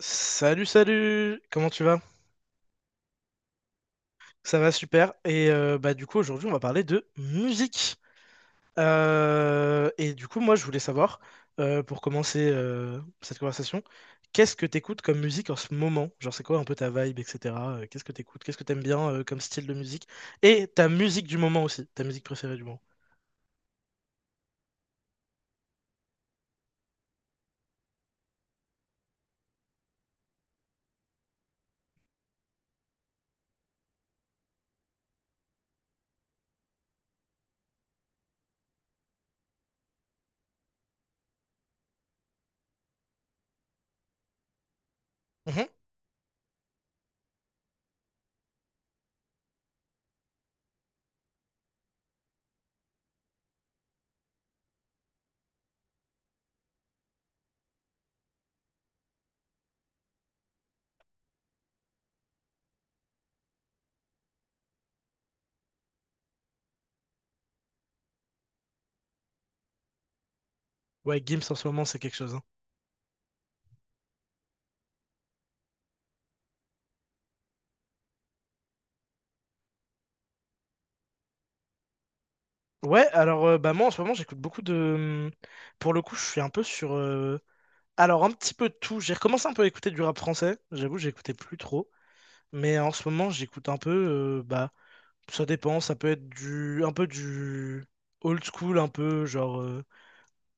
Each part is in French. Salut, salut! Comment tu vas? Ça va super. Et bah du coup aujourd'hui on va parler de musique. Et du coup moi je voulais savoir, pour commencer cette conversation, qu'est-ce que t'écoutes comme musique en ce moment? Genre c'est quoi un peu ta vibe, etc. Qu'est-ce que t'écoutes? Qu'est-ce que t'aimes bien comme style de musique? Et ta musique du moment aussi, ta musique préférée du moment. Mhm. Ouais, Gims en ce moment c'est quelque chose, hein. Ouais, alors bah moi en ce moment j'écoute beaucoup de... Pour le coup je suis un peu sur... Alors, un petit peu de tout. J'ai recommencé un peu à écouter du rap français. J'avoue, j'écoutais plus trop. Mais en ce moment, j'écoute un peu. Bah, ça dépend. Ça peut être du, un peu du old school, un peu genre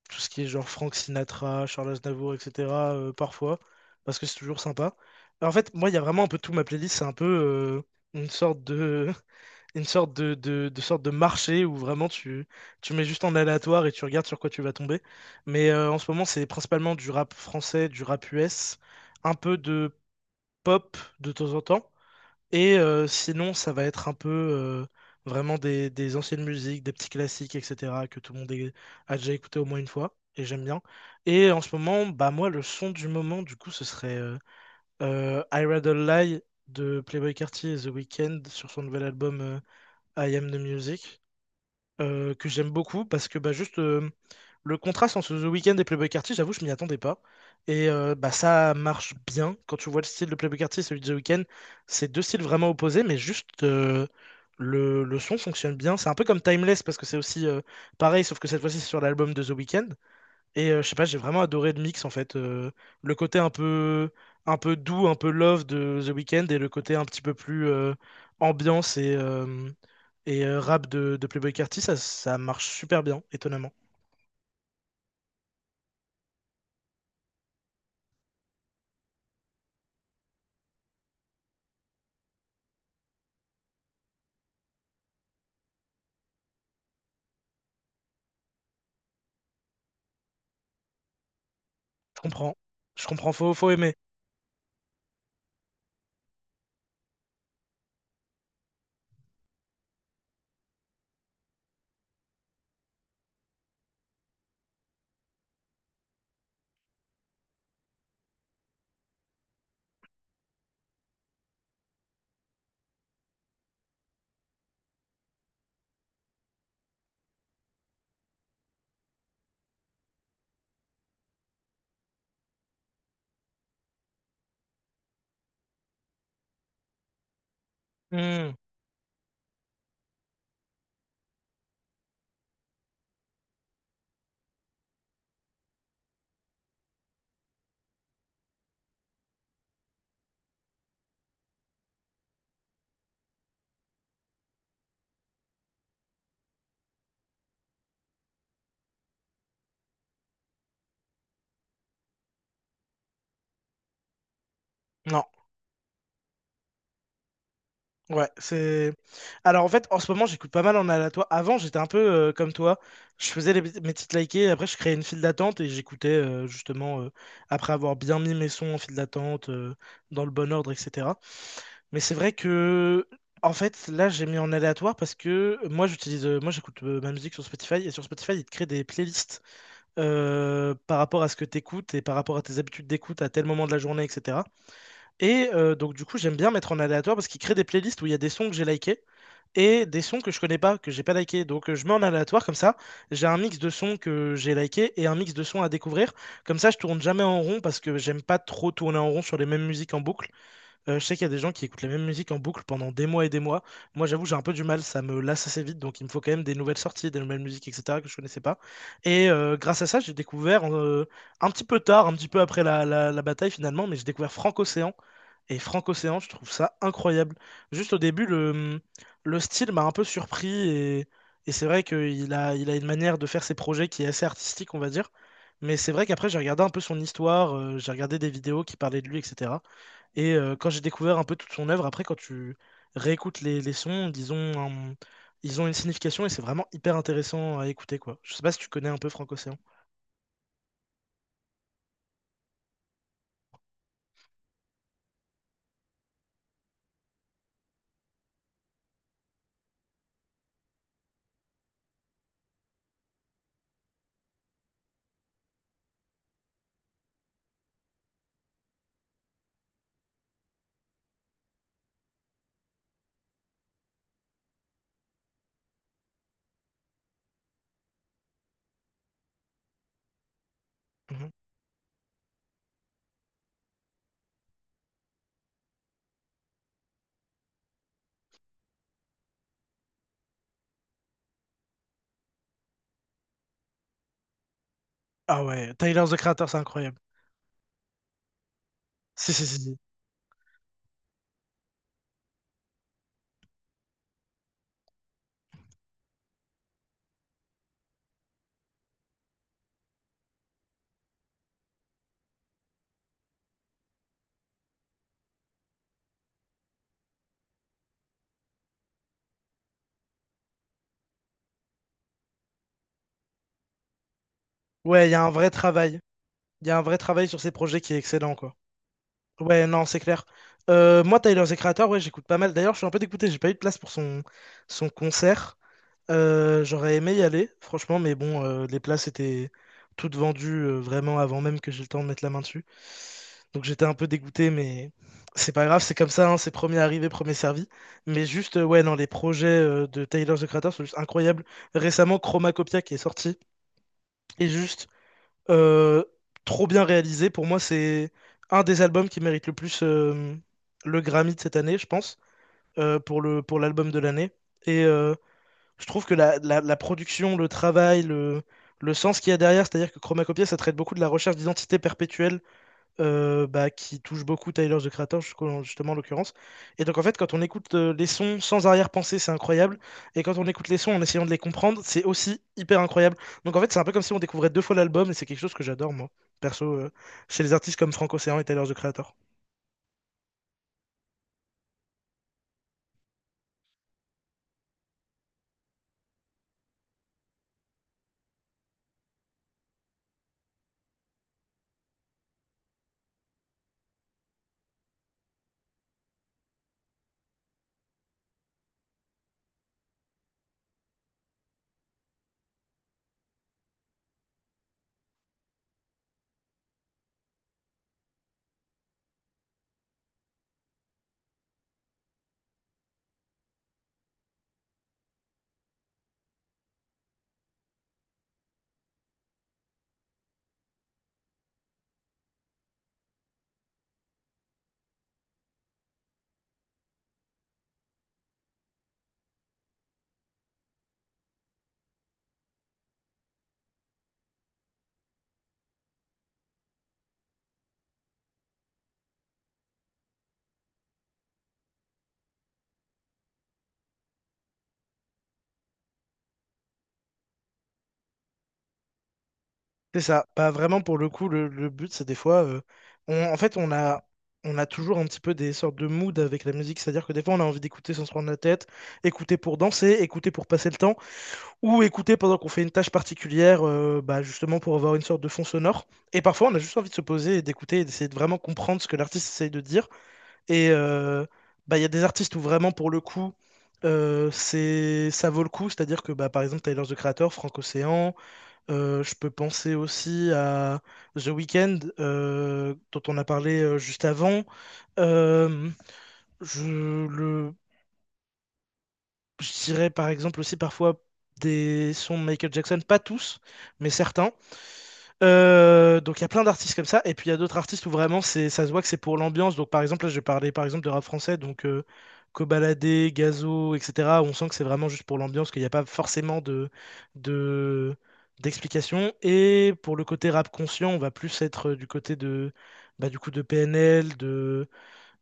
tout ce qui est genre Frank Sinatra, Charles Aznavour, etc., parfois, parce que c'est toujours sympa. En fait, moi, il y a vraiment un peu tout. Ma playlist, c'est un peu une sorte de une sorte de sorte de marché où vraiment tu mets juste en aléatoire et tu regardes sur quoi tu vas tomber. Mais en ce moment, c'est principalement du rap français, du rap US, un peu de pop de temps en temps. Et sinon, ça va être un peu vraiment des anciennes musiques, des petits classiques, etc., que tout le monde a déjà écouté au moins une fois. Et j'aime bien. Et en ce moment, bah moi, le son du moment, du coup, ce serait I Rather Lie de Playboi Carti et The Weeknd sur son nouvel album I Am The Music, que j'aime beaucoup parce que bah, juste le contraste entre The Weeknd et Playboi Carti, j'avoue, je m'y attendais pas. Et bah, ça marche bien quand tu vois le style de Playboi Carti et celui de The Weeknd. C'est deux styles vraiment opposés, mais juste le son fonctionne bien. C'est un peu comme Timeless parce que c'est aussi pareil, sauf que cette fois-ci c'est sur l'album de The Weeknd. Et je sais pas, j'ai vraiment adoré le mix en fait. Le côté un peu doux, un peu love de The Weeknd et le côté un petit peu plus ambiance et rap de Playboi Carti, ça marche super bien, étonnamment. Je comprends. Je comprends, faut aimer. Hmm, non, ouais, c'est. Alors en fait, en ce moment, j'écoute pas mal en aléatoire. Avant, j'étais un peu comme toi. Je faisais mes titres likés, après, je créais une file d'attente et j'écoutais justement, après avoir bien mis mes sons en file d'attente, dans le bon ordre, etc. Mais c'est vrai que, en fait, là, j'ai mis en aléatoire parce que moi, j'utilise, j'écoute ma musique sur Spotify et sur Spotify, il te crée des playlists par rapport à ce que tu écoutes et par rapport à tes habitudes d'écoute à tel moment de la journée, etc. Et donc, du coup, j'aime bien mettre en aléatoire parce qu'il crée des playlists où il y a des sons que j'ai likés et des sons que je connais pas, que j'ai pas liké. Donc je mets en aléatoire comme ça. J'ai un mix de sons que j'ai liké et un mix de sons à découvrir. Comme ça, je tourne jamais en rond parce que j'aime pas trop tourner en rond sur les mêmes musiques en boucle. Je sais qu'il y a des gens qui écoutent la même musique en boucle pendant des mois et des mois. Moi, j'avoue, j'ai un peu du mal, ça me lasse assez vite, donc il me faut quand même des nouvelles sorties, des nouvelles musiques, etc., que je connaissais pas. Et grâce à ça, j'ai découvert, un petit peu tard, un petit peu après la bataille finalement, mais j'ai découvert Frank océan. Et Frank océan je trouve ça incroyable. Juste au début, le style m'a un peu surpris, et c'est vrai qu'il a une manière de faire ses projets qui est assez artistique, on va dire. Mais c'est vrai qu'après, j'ai regardé un peu son histoire, j'ai regardé des vidéos qui parlaient de lui, etc. Et quand j'ai découvert un peu toute son œuvre, après, quand tu réécoutes les sons, ils ont une signification et c'est vraiment hyper intéressant à écouter, quoi. Je sais pas si tu connais un peu Frank-Océan. Mhm. Ah ouais, Tyler, the Creator, c'est incroyable. Si, si, si, si. Ouais, il y a un vrai travail. Il y a un vrai travail sur ces projets qui est excellent, quoi. Ouais, non, c'est clair. Moi, Tyler, the Creator, ouais, j'écoute pas mal. D'ailleurs, je suis un peu dégoûté, j'ai pas eu de place pour son concert. J'aurais aimé y aller, franchement, mais bon, les places étaient toutes vendues vraiment avant même que j'ai le temps de mettre la main dessus. Donc j'étais un peu dégoûté, mais c'est pas grave, c'est comme ça, hein, c'est premier arrivé, premier servi. Mais juste, ouais, non, les projets de Tyler, the Creator sont juste incroyables. Récemment, Chromacopia qui est sorti est juste euh, trop bien réalisé. Pour moi, c'est un des albums qui mérite le plus le Grammy de cette année, je pense, pour l'album de l'année. Et je trouve que la production, le travail, le sens qu'il y a derrière, c'est-à-dire que Chromacopia, ça traite beaucoup de la recherche d'identité perpétuelle bah, qui touche beaucoup Tyler, The Creator, justement, en l'occurrence. Et donc, en fait, quand on écoute les sons sans arrière-pensée, c'est incroyable. Et quand on écoute les sons en essayant de les comprendre, c'est aussi hyper incroyable. Donc, en fait, c'est un peu comme si on découvrait deux fois l'album, et c'est quelque chose que j'adore, moi, perso, chez les artistes comme Frank Ocean et Tyler, The Creator. C'est ça. Pas vraiment pour le coup, le but, c'est des fois, en fait, on a toujours un petit peu des sortes de moods avec la musique, c'est-à-dire que des fois, on a envie d'écouter sans se prendre la tête, écouter pour danser, écouter pour passer le temps, ou écouter pendant qu'on fait une tâche particulière, bah, justement pour avoir une sorte de fond sonore. Et parfois, on a juste envie de se poser et d'écouter et d'essayer de vraiment comprendre ce que l'artiste essaye de dire. Et bah, il y a des artistes où vraiment, pour le coup, ça vaut le coup, c'est-à-dire que, bah, par exemple, Tyler, The Creator, Frank Ocean. Je peux penser aussi à The Weeknd, dont on a parlé juste avant. Euh, je le, je dirais par exemple aussi parfois des sons de Michael Jackson, pas tous, mais certains. Donc il y a plein d'artistes comme ça, et puis il y a d'autres artistes où vraiment ça se voit que c'est pour l'ambiance. Donc par exemple, là je parlais par exemple de rap français, donc Kobalade, Gazo, etc., où on sent que c'est vraiment juste pour l'ambiance, qu'il n'y a pas forcément de, d'explication. Et pour le côté rap conscient, on va plus être du côté de, bah, du coup, de PNL, de,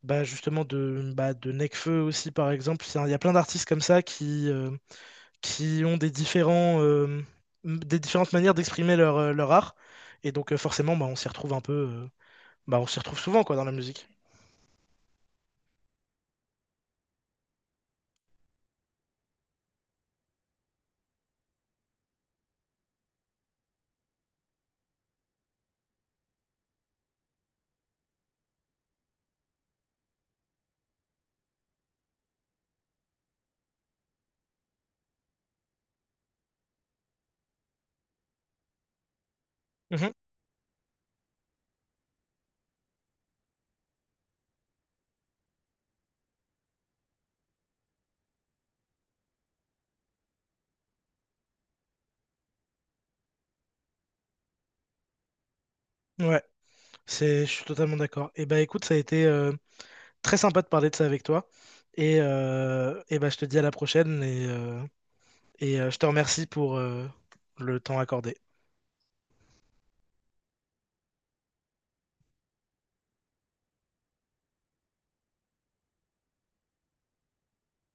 bah, justement de, bah, de Nekfeu aussi par exemple. Il y a plein d'artistes comme ça qui ont des différentes manières d'exprimer leur art. Et donc forcément, bah, on s'y retrouve un peu, bah, on s'y retrouve souvent quoi dans la musique. Mhm. Ouais, je suis totalement d'accord. Et bah écoute, ça a été très sympa de parler de ça avec toi. Et bah, je te dis à la prochaine et je te remercie pour le temps accordé.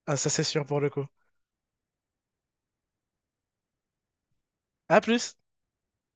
Ah, ça c'est sûr pour le coup. À plus!